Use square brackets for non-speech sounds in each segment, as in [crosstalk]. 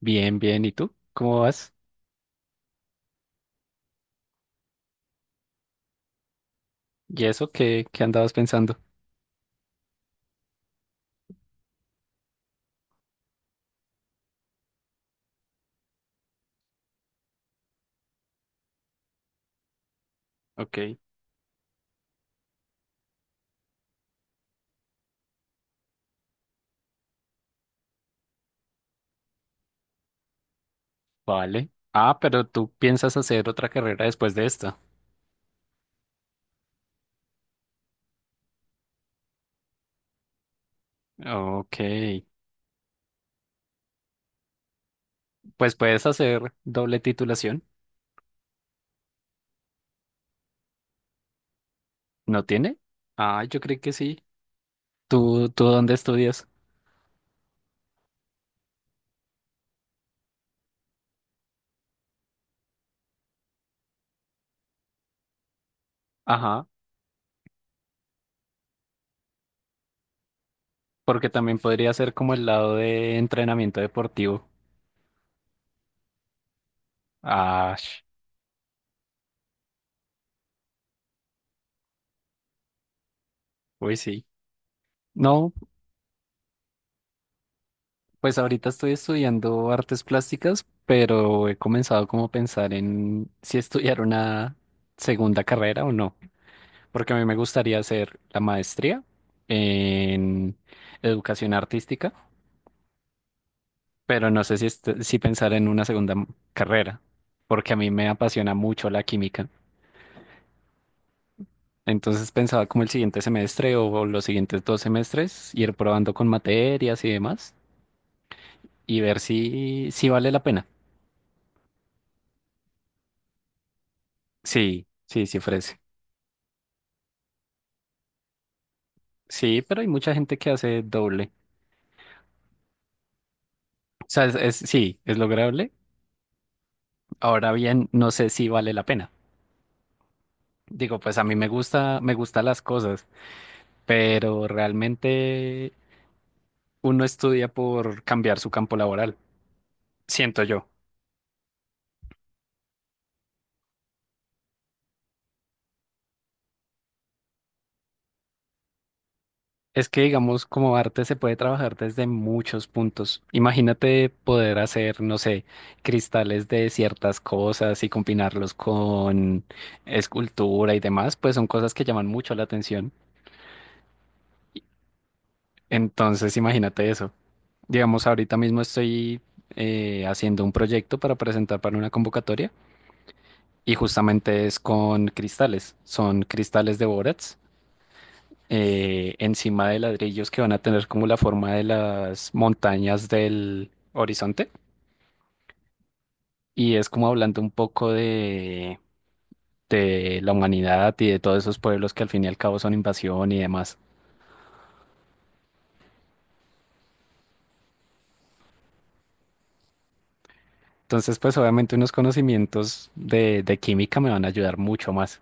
Bien, bien. ¿Y tú? ¿Cómo vas? ¿Y eso qué andabas pensando? Ok, vale. Ah, pero tú piensas hacer otra carrera después de esta. Ok, pues puedes hacer doble titulación. ¿No tiene? Ah, yo creí que sí. ¿Tú dónde estudias? Ajá, porque también podría ser como el lado de entrenamiento deportivo. Ah, uy, sí. No, pues ahorita estoy estudiando artes plásticas, pero he comenzado como a pensar en si estudiar una segunda carrera o no, porque a mí me gustaría hacer la maestría en educación artística, pero no sé si pensar en una segunda carrera, porque a mí me apasiona mucho la química. Entonces pensaba como el siguiente semestre o los siguientes dos semestres ir probando con materias y demás y ver si vale la pena. Sí, sí, sí ofrece. Sí, pero hay mucha gente que hace doble. O sea, sí, es lograble. Ahora bien, no sé si vale la pena. Digo, pues a mí me gusta, me gustan las cosas, pero realmente uno estudia por cambiar su campo laboral, siento yo. Es que, digamos, como arte se puede trabajar desde muchos puntos. Imagínate poder hacer, no sé, cristales de ciertas cosas y combinarlos con escultura y demás, pues son cosas que llaman mucho la atención. Entonces, imagínate eso. Digamos, ahorita mismo estoy haciendo un proyecto para presentar para una convocatoria y justamente es con cristales. Son cristales de Borats encima de ladrillos que van a tener como la forma de las montañas del horizonte. Y es como hablando un poco de la humanidad y de todos esos pueblos que al fin y al cabo son invasión y demás. Entonces, pues obviamente unos conocimientos de química me van a ayudar mucho más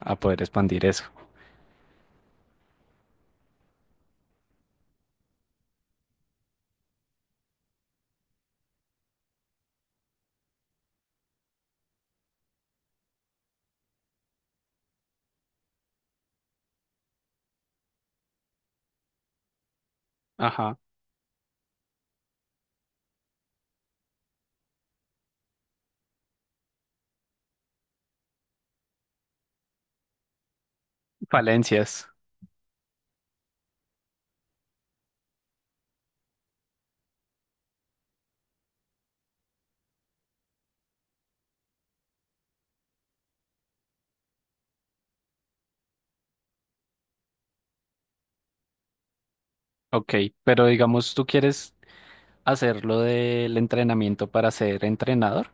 a poder expandir eso. Ajá. Falencias. Ok, pero digamos, ¿tú quieres hacerlo del entrenamiento para ser entrenador?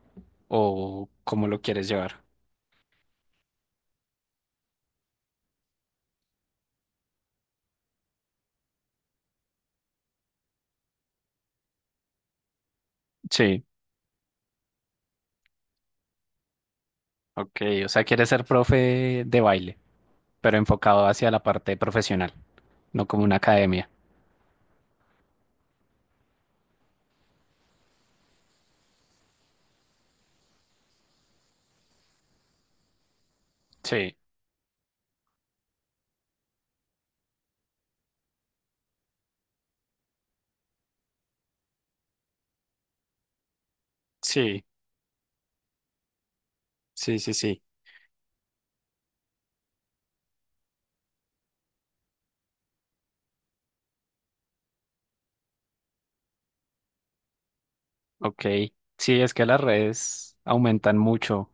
¿O cómo lo quieres llevar? Sí, ok, o sea, quieres ser profe de baile, pero enfocado hacia la parte profesional, no como una academia. Sí, sí, sí, sí, sí. Ok, sí, es que las redes aumentan mucho,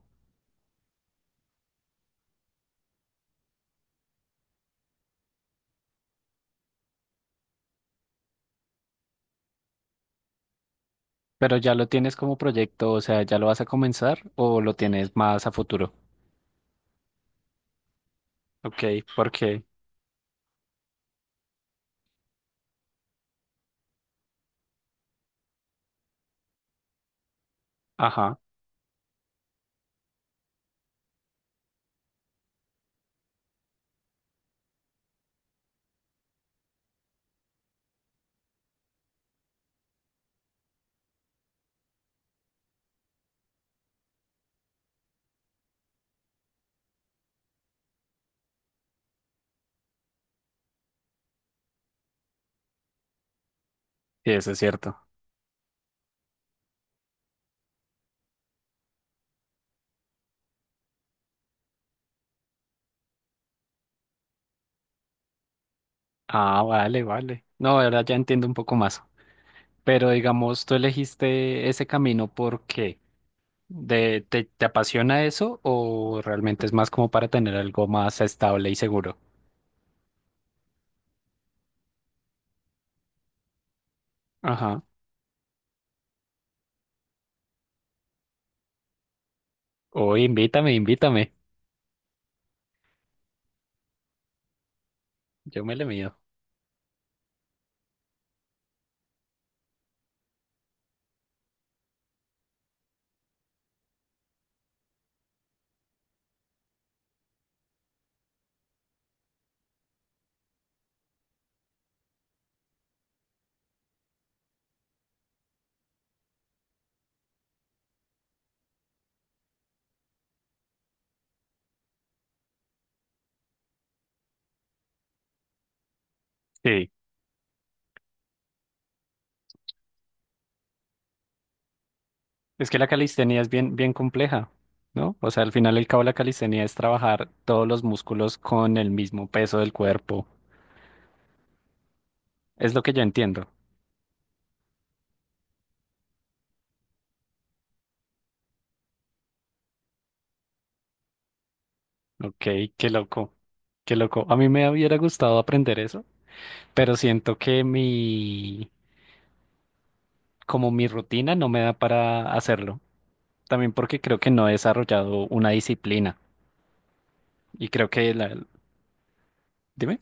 pero ya lo tienes como proyecto, o sea, ¿ya lo vas a comenzar o lo tienes más a futuro? Ok, porque, ajá, sí, eso es cierto. Ah, vale, vale. No, ahora ya entiendo un poco más. Pero digamos, ¿tú elegiste ese camino porque ¿De, te apasiona eso o realmente es más como para tener algo más estable y seguro? Ajá. O invítame, invítame. Yo me le mido. Sí. Es que la calistenia es bien, bien compleja, ¿no? O sea, al final el cabo de la calistenia es trabajar todos los músculos con el mismo peso del cuerpo. Es lo que yo entiendo. Ok, qué loco. Qué loco. A mí me hubiera gustado aprender eso, pero siento que como mi rutina no me da para hacerlo. También porque creo que no he desarrollado una disciplina y creo que dime,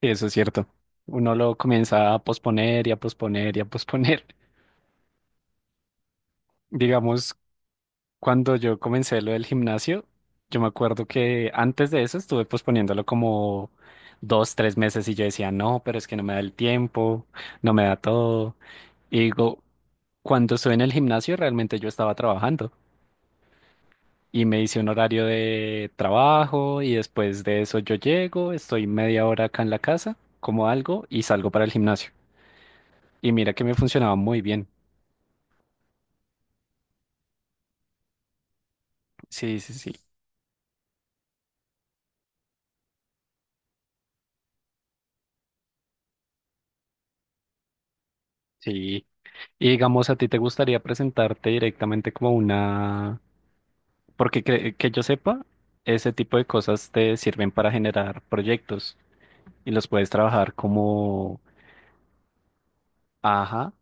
sí, eso es cierto. Uno lo comienza a posponer y a posponer y a posponer. [laughs] Digamos, cuando yo comencé lo del gimnasio, yo me acuerdo que antes de eso estuve posponiéndolo como dos, tres meses y yo decía, no, pero es que no me da el tiempo, no me da todo. Y digo, cuando estuve en el gimnasio realmente yo estaba trabajando, y me hice un horario de trabajo y después de eso yo llego, estoy media hora acá en la casa, como algo y salgo para el gimnasio. Y mira que me funcionaba muy bien. Sí, sí, sí, sí. Y digamos, ¿a ti te gustaría presentarte directamente como una...? Porque que yo sepa, ese tipo de cosas te sirven para generar proyectos y los puedes trabajar como... Ajá.